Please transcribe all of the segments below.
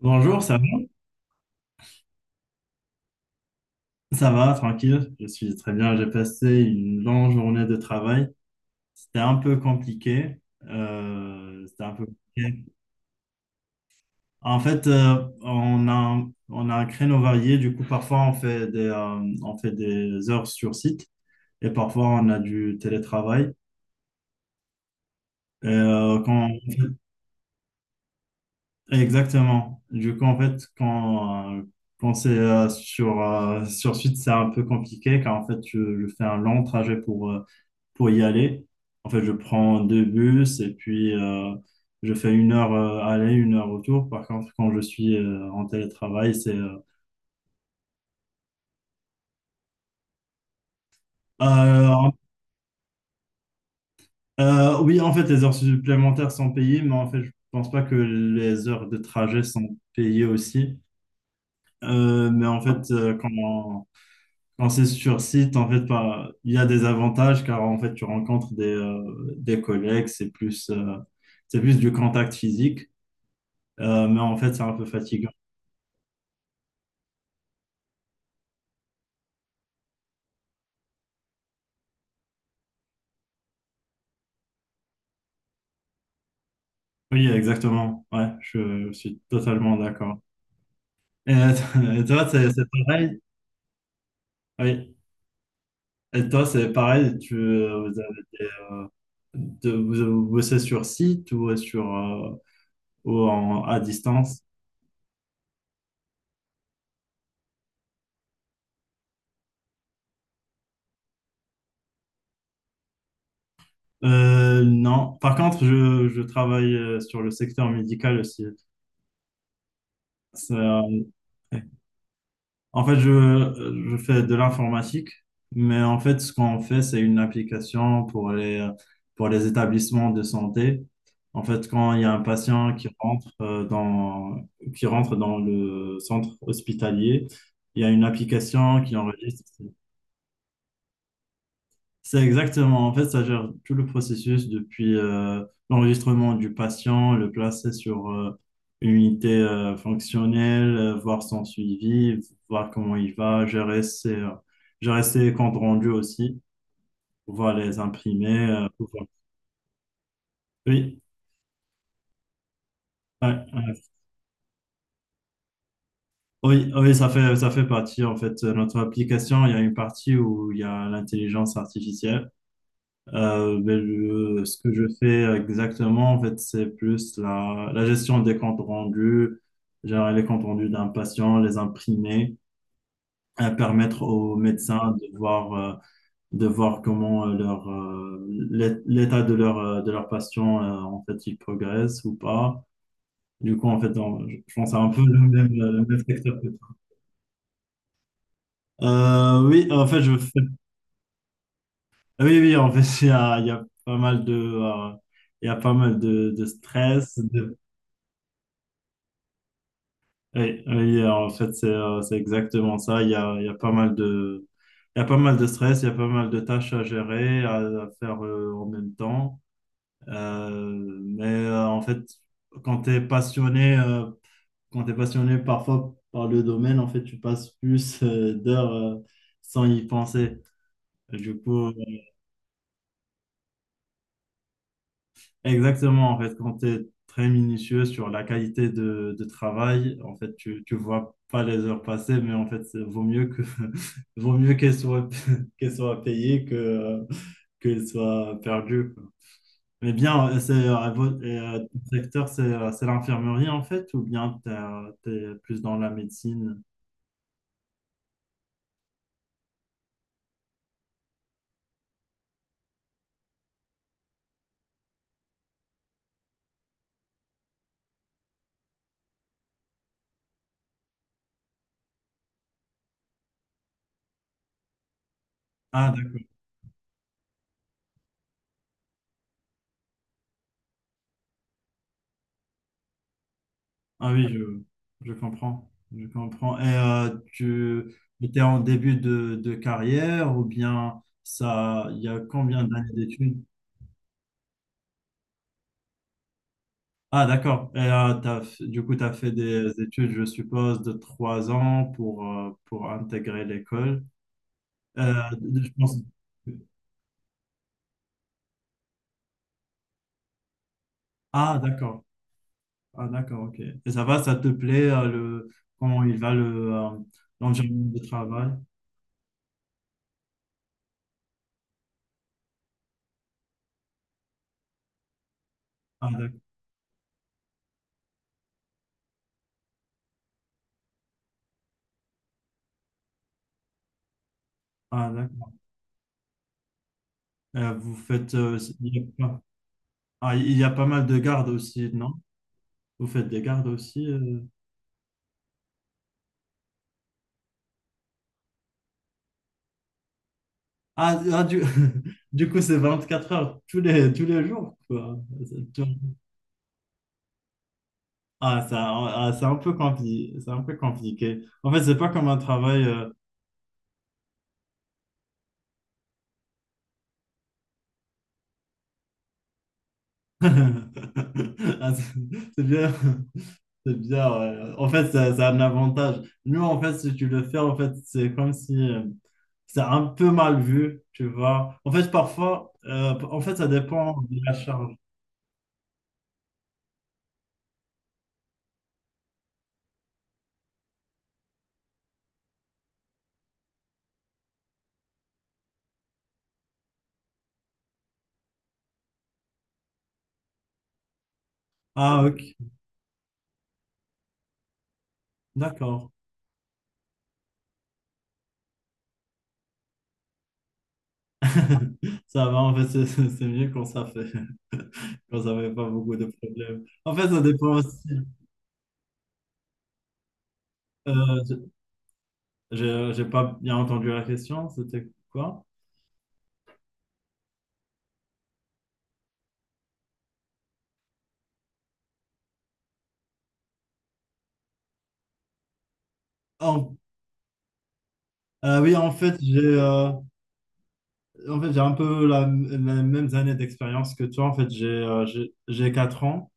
Bonjour, ça va? Ça va, tranquille. Je suis très bien. J'ai passé une longue journée de travail. C'était un peu compliqué. C'était un peu compliqué. En fait, on a un créneau varié. Du coup, parfois, on fait des heures sur site et parfois, on a du télétravail. Et, euh, quand, Exactement. Du coup, en fait, quand c'est sur site, c'est un peu compliqué car en fait, je fais un long trajet pour y aller. En fait, je prends deux bus et puis je fais une heure aller, une heure retour. Par contre, quand je suis en télétravail, c'est. Euh, oui, en fait, les heures supplémentaires sont payées, mais en fait, je pense pas que les heures de trajet sont payées aussi. Euh, mais en fait, euh, quand, quand c'est sur site, en fait, il y a des avantages car en fait, tu rencontres des collègues, c'est plus du contact physique. Mais en fait, c'est un peu fatigant. Oui, exactement. Ouais, je suis totalement d'accord. Et, et toi, c'est pareil? Oui. Et toi, c'est pareil, vous avez vous bossez sur site ou sur ou en, à distance? Non. Par contre, je travaille sur le secteur médical aussi. Ça, En fait, je fais de l'informatique, mais en fait, ce qu'on fait, c'est une application pour les établissements de santé. En fait, quand il y a un patient qui rentre, qui rentre dans le centre hospitalier, il y a une application qui enregistre. C'est exactement. En fait, ça gère tout le processus depuis l'enregistrement du patient, le placer sur une unité fonctionnelle, voir son suivi, voir comment il va, gérer ses comptes rendus aussi, pouvoir les imprimer. Oui. Ouais, ouais. Oui, oui, ça fait partie, en fait, de notre application. Il y a une partie où il y a l'intelligence artificielle. Euh, ben, ce que je fais exactement, en fait, c'est plus la gestion des comptes rendus, gérer les comptes rendus d'un patient, les imprimer, permettre aux médecins de voir comment l'état de leur patient, en fait, il progresse ou pas. Du coup, en fait, je pense à un peu le même secteur que toi. Oui, en fait, je fais. Oui, oui, en fait, il y a pas mal de. Il y a pas mal de stress, de. Oui, oui, en fait, c'est exactement ça. Il y a pas mal de, il y a pas mal de stress, il y a pas mal de tâches à gérer, à faire en même temps. En fait, quand tu es passionné, quand tu passionné parfois par le domaine, en fait, tu passes plus d'heures sans y penser. Du coup, Exactement, en fait, quand tu es très minutieux sur la qualité de travail, en fait, tu ne vois pas les heures passer, mais en fait, vaut mieux que vaut mieux qu'elles soient qu'elles soient payées que qu'elles soient perdues, quoi. Mais bien, ton secteur, c'est l'infirmerie en fait, ou bien tu es plus dans la médecine? Ah, d'accord. Ah oui, je comprends. Je comprends. Et tu étais en début de carrière ou bien ça, il y a combien d'années d'études? Ah, d'accord. Du coup, tu as fait des études, je suppose, de 3 ans pour intégrer l'école. Euh, je pense. Ah, d'accord. Ah, d'accord, ok. Et ça va, ça te plaît, comment il va le, l'environnement de travail? Ah, d'accord. Ah, d'accord. Euh, vous faites... euh, Ah, il y a pas mal de gardes aussi, non? Vous faites des gardes aussi Ah, ah, du coup, c'est 24 heures tous les jours, quoi. C'est- tu- Ah, ça, ah, c'est un peu compliqué. C'est un peu compliqué. En fait, c'est pas comme un travail. Ah, c'est bien. C'est bien, ouais. En fait, ça a un avantage. Nous, en fait, si tu le fais, en fait, c'est comme si c'est un peu mal vu, tu vois. En fait, parfois, en fait, ça dépend de la charge. Ah, ok, d'accord. Ça va, en fait, c'est mieux quand ça fait, quand ça fait pas beaucoup de problèmes. En fait, ça dépend aussi. Euh, je- j'ai pas bien entendu la question, c'était quoi? En- oui, en fait, j'ai un peu les mêmes années d'expérience que toi. En fait, j'ai 4 ans,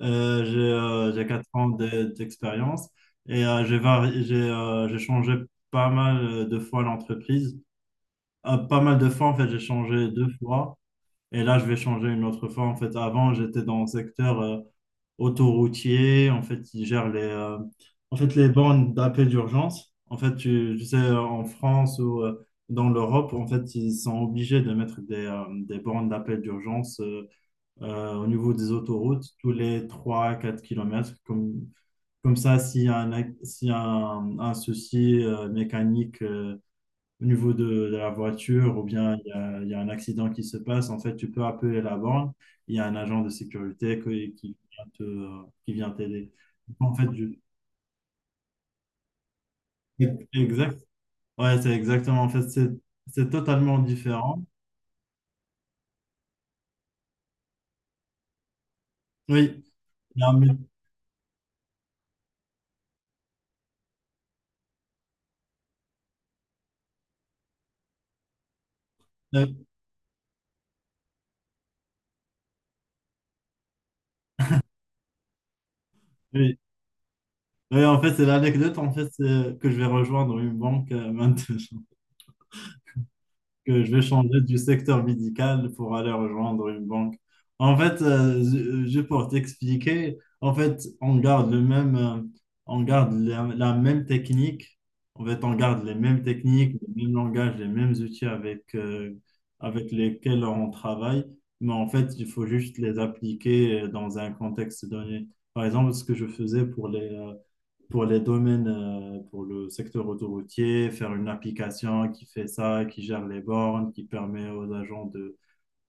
j'ai 4 ans d'expérience et j'ai vari- j'ai changé pas mal de fois l'entreprise. Pas mal de fois, en fait, j'ai changé 2 fois. Et là, je vais changer une autre fois. En fait, avant, j'étais dans le secteur autoroutier. En fait, ils gèrent les bornes d'appel d'urgence. En fait, tu sais, en France ou dans l'Europe, en fait, ils sont obligés de mettre des bornes d'appel d'urgence au niveau des autoroutes tous les 3 quatre kilomètres. Comme ça, s'il y a un, ac- s'il y a un souci mécanique, au niveau de la voiture ou bien il y a un accident qui se passe, en fait, tu peux appeler la borne. Il y a un agent de sécurité qui vient qui vient t'aider. En fait, du- exact. Ouais, c'est exactement. En fait, c'est totalement différent. Oui. Il y a un mé- euh, oui. Oui, en fait, c'est l'anecdote en fait, c'est que je vais rejoindre une banque maintenant, que je vais changer du secteur médical pour aller rejoindre une banque. En fait, juste pour t'expliquer, en fait, on garde le même, on garde la, la même technique. En fait, on garde les mêmes techniques, les mêmes langages, les mêmes outils avec lesquels on travaille. Mais en fait, il faut juste les appliquer dans un contexte donné. Par exemple, ce que je faisais pour les domaines, pour le secteur autoroutier, faire une application qui fait ça, qui gère les bornes, qui permet aux agents de,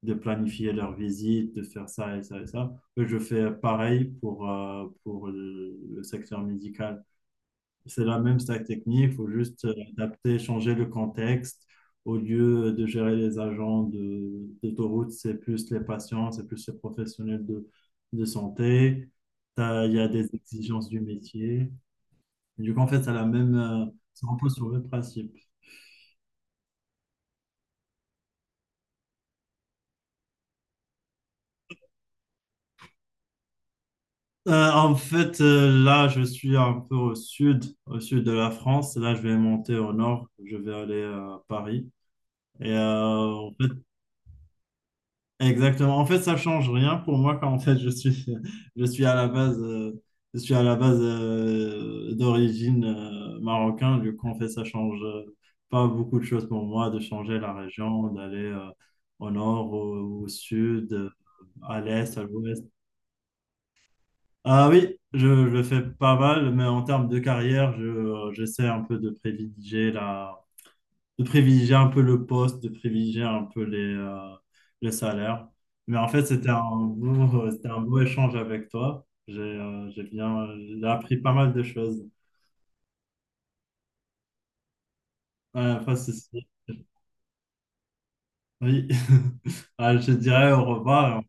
planifier leurs visites, de faire ça et ça et ça. Je fais pareil pour le secteur médical. C'est la même stack technique, il faut juste adapter, changer le contexte. Au lieu de gérer les agents d'autoroute, c'est plus les patients, c'est plus les professionnels de santé. Il y a des exigences du métier. Du coup, en fait, ça a ça repose sur le même principe. En fait, là, je suis un peu au sud de la France. Là, je vais monter au nord. Je vais aller à Paris. Et en fait, exactement. En fait, ça change rien pour moi quand en fait je suis, je suis à la base, je suis à la base d'origine marocain. Du coup, en fait, ça change pas beaucoup de choses pour moi de changer la région, d'aller au nord, au sud, à l'est, à l'ouest. Ah oui, je le fais pas mal, mais en termes de carrière, j'essaie un peu de privilégier de privilégier un peu le poste, de privilégier un peu les salaires. Mais en fait, c'était un beau échange avec toi. J'ai appris pas mal de choses. Ouais, pas de souci. Oui, Ah, je te dirais au revoir.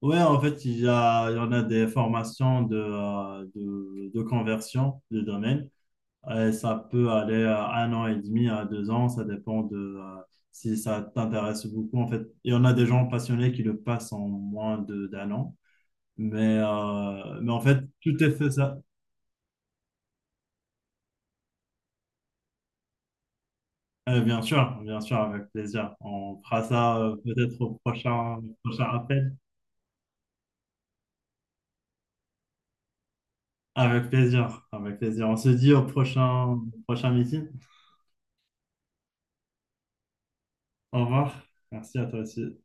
Ouais, en fait, il y en a des formations de conversion de domaine. Et ça peut aller à 1 an et demi, à 2 ans, ça dépend de si ça t'intéresse beaucoup en fait. Et on a des gens passionnés qui le passent en moins de d'1 an, en fait, tout est fait ça. Bien sûr, avec plaisir. On fera ça peut-être au prochain, prochain appel. Avec plaisir, avec plaisir. On se dit au prochain, prochain meeting. Au revoir. Merci à toi aussi.